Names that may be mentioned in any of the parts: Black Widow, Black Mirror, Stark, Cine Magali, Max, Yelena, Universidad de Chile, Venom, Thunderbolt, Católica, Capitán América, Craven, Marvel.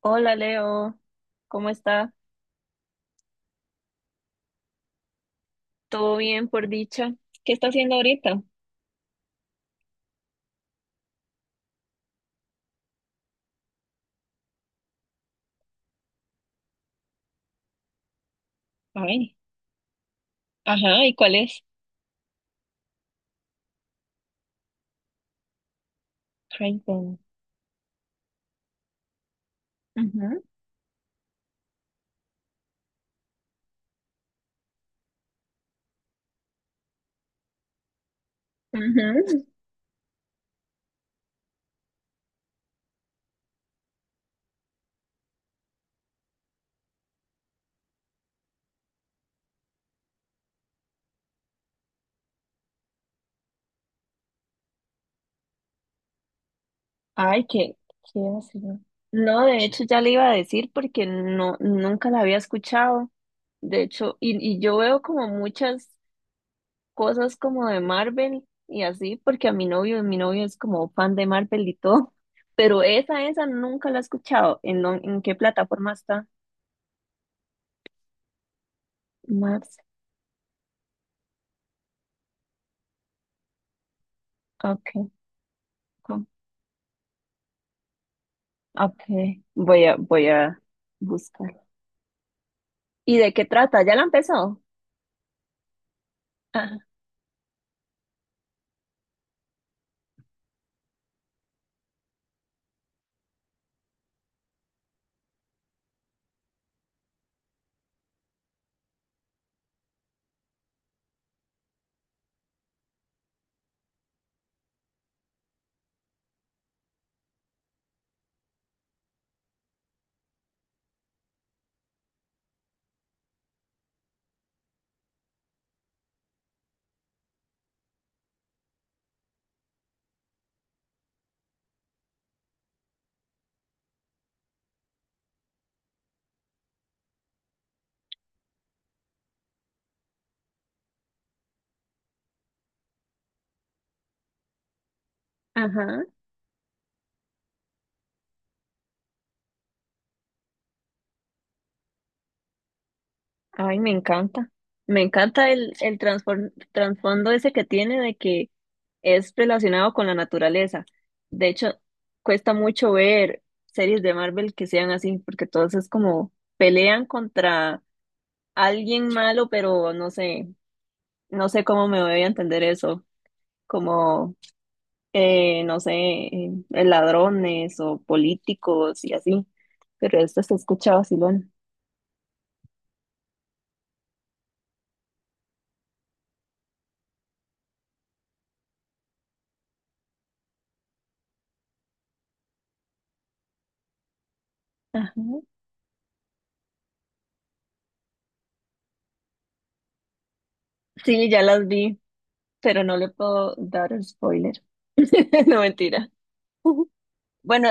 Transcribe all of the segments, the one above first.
Hola Leo, ¿cómo está? ¿Todo bien por dicha? ¿Qué está haciendo ahorita? Ay, ajá, ¿y cuál es? Craven. Ujú, ujú. Ay, qué, qué ácido. No, de hecho ya le iba a decir porque no, nunca la había escuchado. De hecho, y yo veo como muchas cosas como de Marvel y así, porque a mi novio es como fan de Marvel y todo, pero esa nunca la he escuchado. ¿En qué plataforma está? Max, ok. Ah, okay, voy a buscar. ¿Y de qué trata? ¿Ya la empezó? Ah, ajá. Ay, me encanta. Me encanta el trasfondo ese que tiene de que es relacionado con la naturaleza. De hecho, cuesta mucho ver series de Marvel que sean así, porque todos es como pelean contra alguien malo, pero no sé, no sé cómo me voy a entender eso. Como no sé, ladrones o políticos y así. Pero esto se escucha vacilón. Ajá. Sí, ya las vi, pero no le puedo dar el spoiler. No, mentira. Bueno,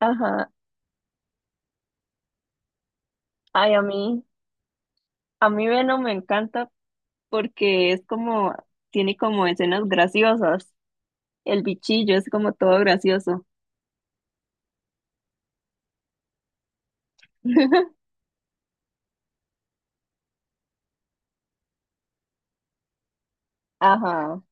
ajá. Ay, a mí, a mí Venom me encanta porque es como, tiene como escenas graciosas. El bichillo es como todo gracioso. Ajá.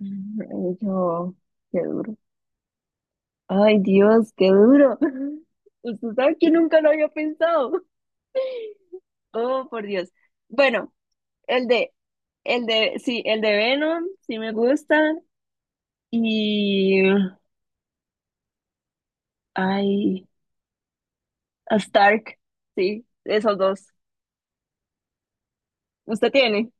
Ay, yo, qué duro. Ay, Dios, qué duro. Usted sabe que nunca lo había pensado. Oh, por Dios. Bueno, el de, el de, sí, el de Venom, sí me gusta. Y, ay, a Stark, sí, esos dos. ¿Usted tiene?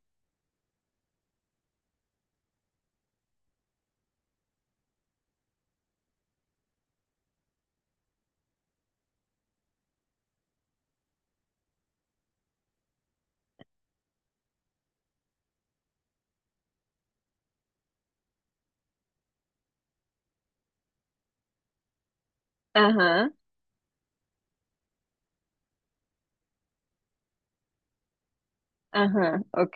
Ajá, ajá, ok.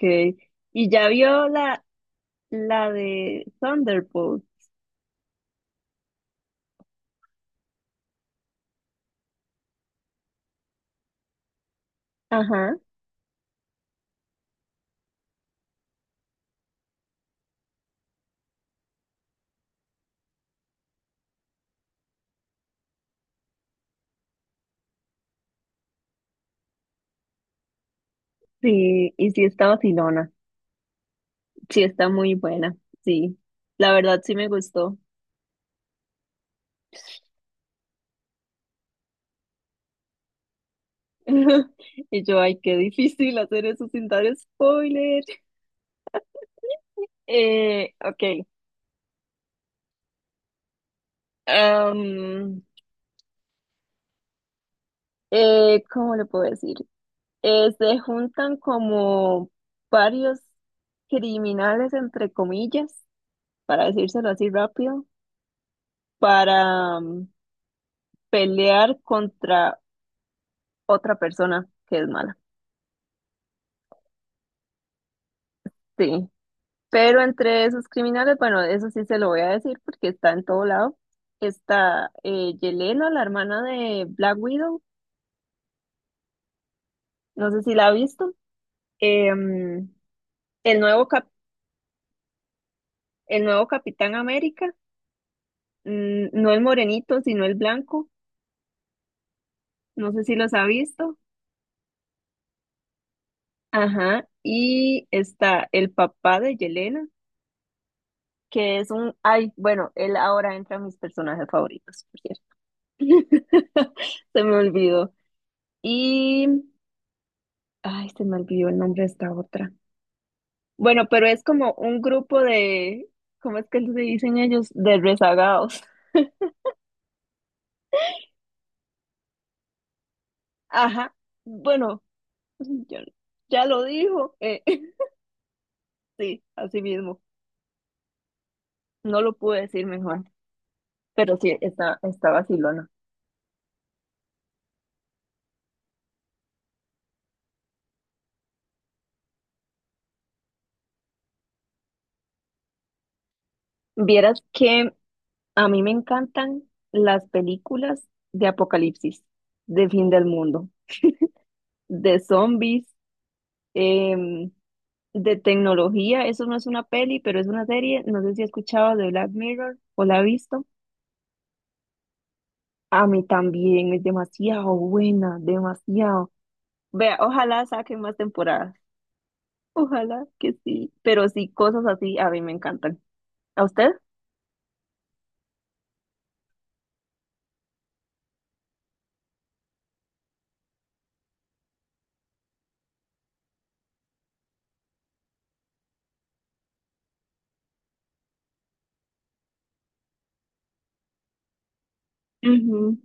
¿Y ya vio la de Thunderbolt? Ajá, sí, y sí está vacilona. Sí está muy buena, sí. La verdad sí me gustó. Y yo, ay, qué difícil hacer eso sin dar spoiler. Ok. Am, ¿Cómo le puedo decir? Se juntan como varios criminales, entre comillas, para decírselo así rápido, para pelear contra otra persona que es mala. Sí. Pero entre esos criminales, bueno, eso sí se lo voy a decir porque está en todo lado. Está Yelena, la hermana de Black Widow, no sé si la ha visto. Em, el nuevo cap- el nuevo Capitán América, mm, no el morenito, sino el blanco, no sé si los ha visto. Ajá, y está el papá de Yelena, que es un, ay, bueno, él ahora entra a mis personajes favoritos, por cierto. Se me olvidó. Y, ay, se me olvidó el nombre de esta otra. Bueno, pero es como un grupo de, ¿cómo es que se dicen ellos? De rezagados. Ajá, bueno. Ya, ya lo dijo. Sí, así mismo. No lo pude decir mejor, pero sí, está vacilona. Vieras que a mí me encantan las películas de apocalipsis, de fin del mundo, de zombies, em, de tecnología. Eso no es una peli, pero es una serie. No sé si has escuchado de Black Mirror o la has visto. A mí también es demasiado buena, demasiado. Vea, ojalá saquen más temporadas. Ojalá que sí, pero sí, cosas así a mí me encantan. ¿A usted? Ujú,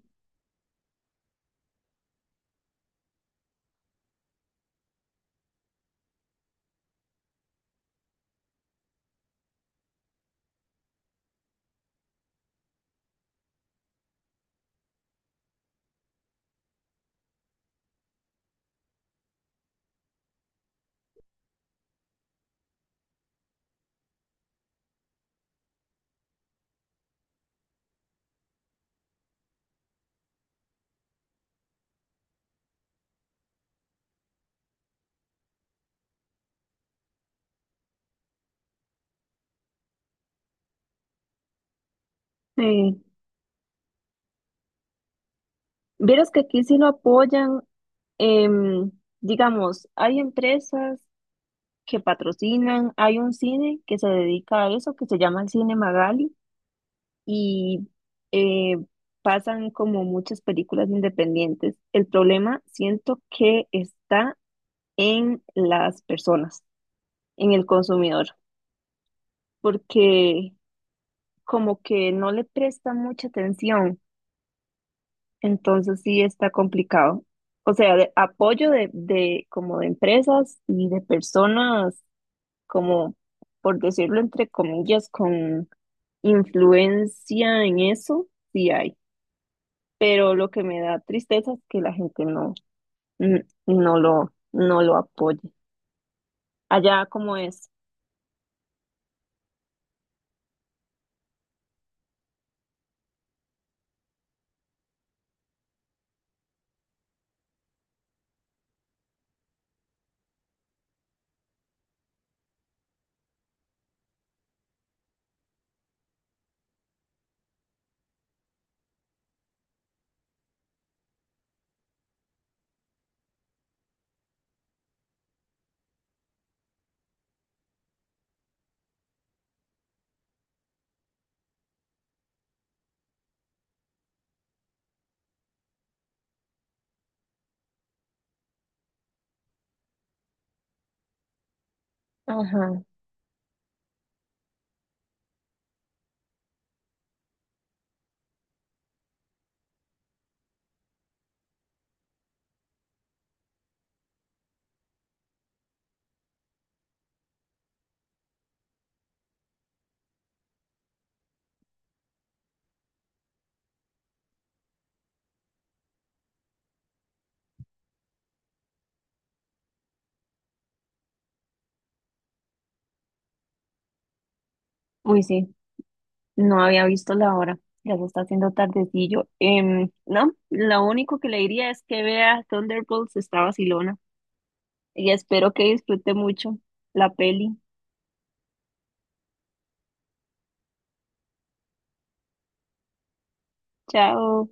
sí. Vieras que aquí sí lo apoyan, em, digamos, hay empresas que patrocinan, hay un cine que se dedica a eso, que se llama el Cine Magali, y eh, pasan como muchas películas independientes. El problema siento que está en las personas, en el consumidor, porque como que no le presta mucha atención. Entonces sí está complicado. O sea, de- apoyo de como de empresas y de personas como, por decirlo entre comillas, con influencia en eso, sí hay. Pero lo que me da tristeza es que la gente no, no lo apoye. Allá como es. Ajá. Uy, sí, no había visto la hora. Ya se está haciendo tardecillo. Em, no, lo único que le diría es que vea Thunderbolts, está vacilona, y espero que disfrute mucho la peli. Chao.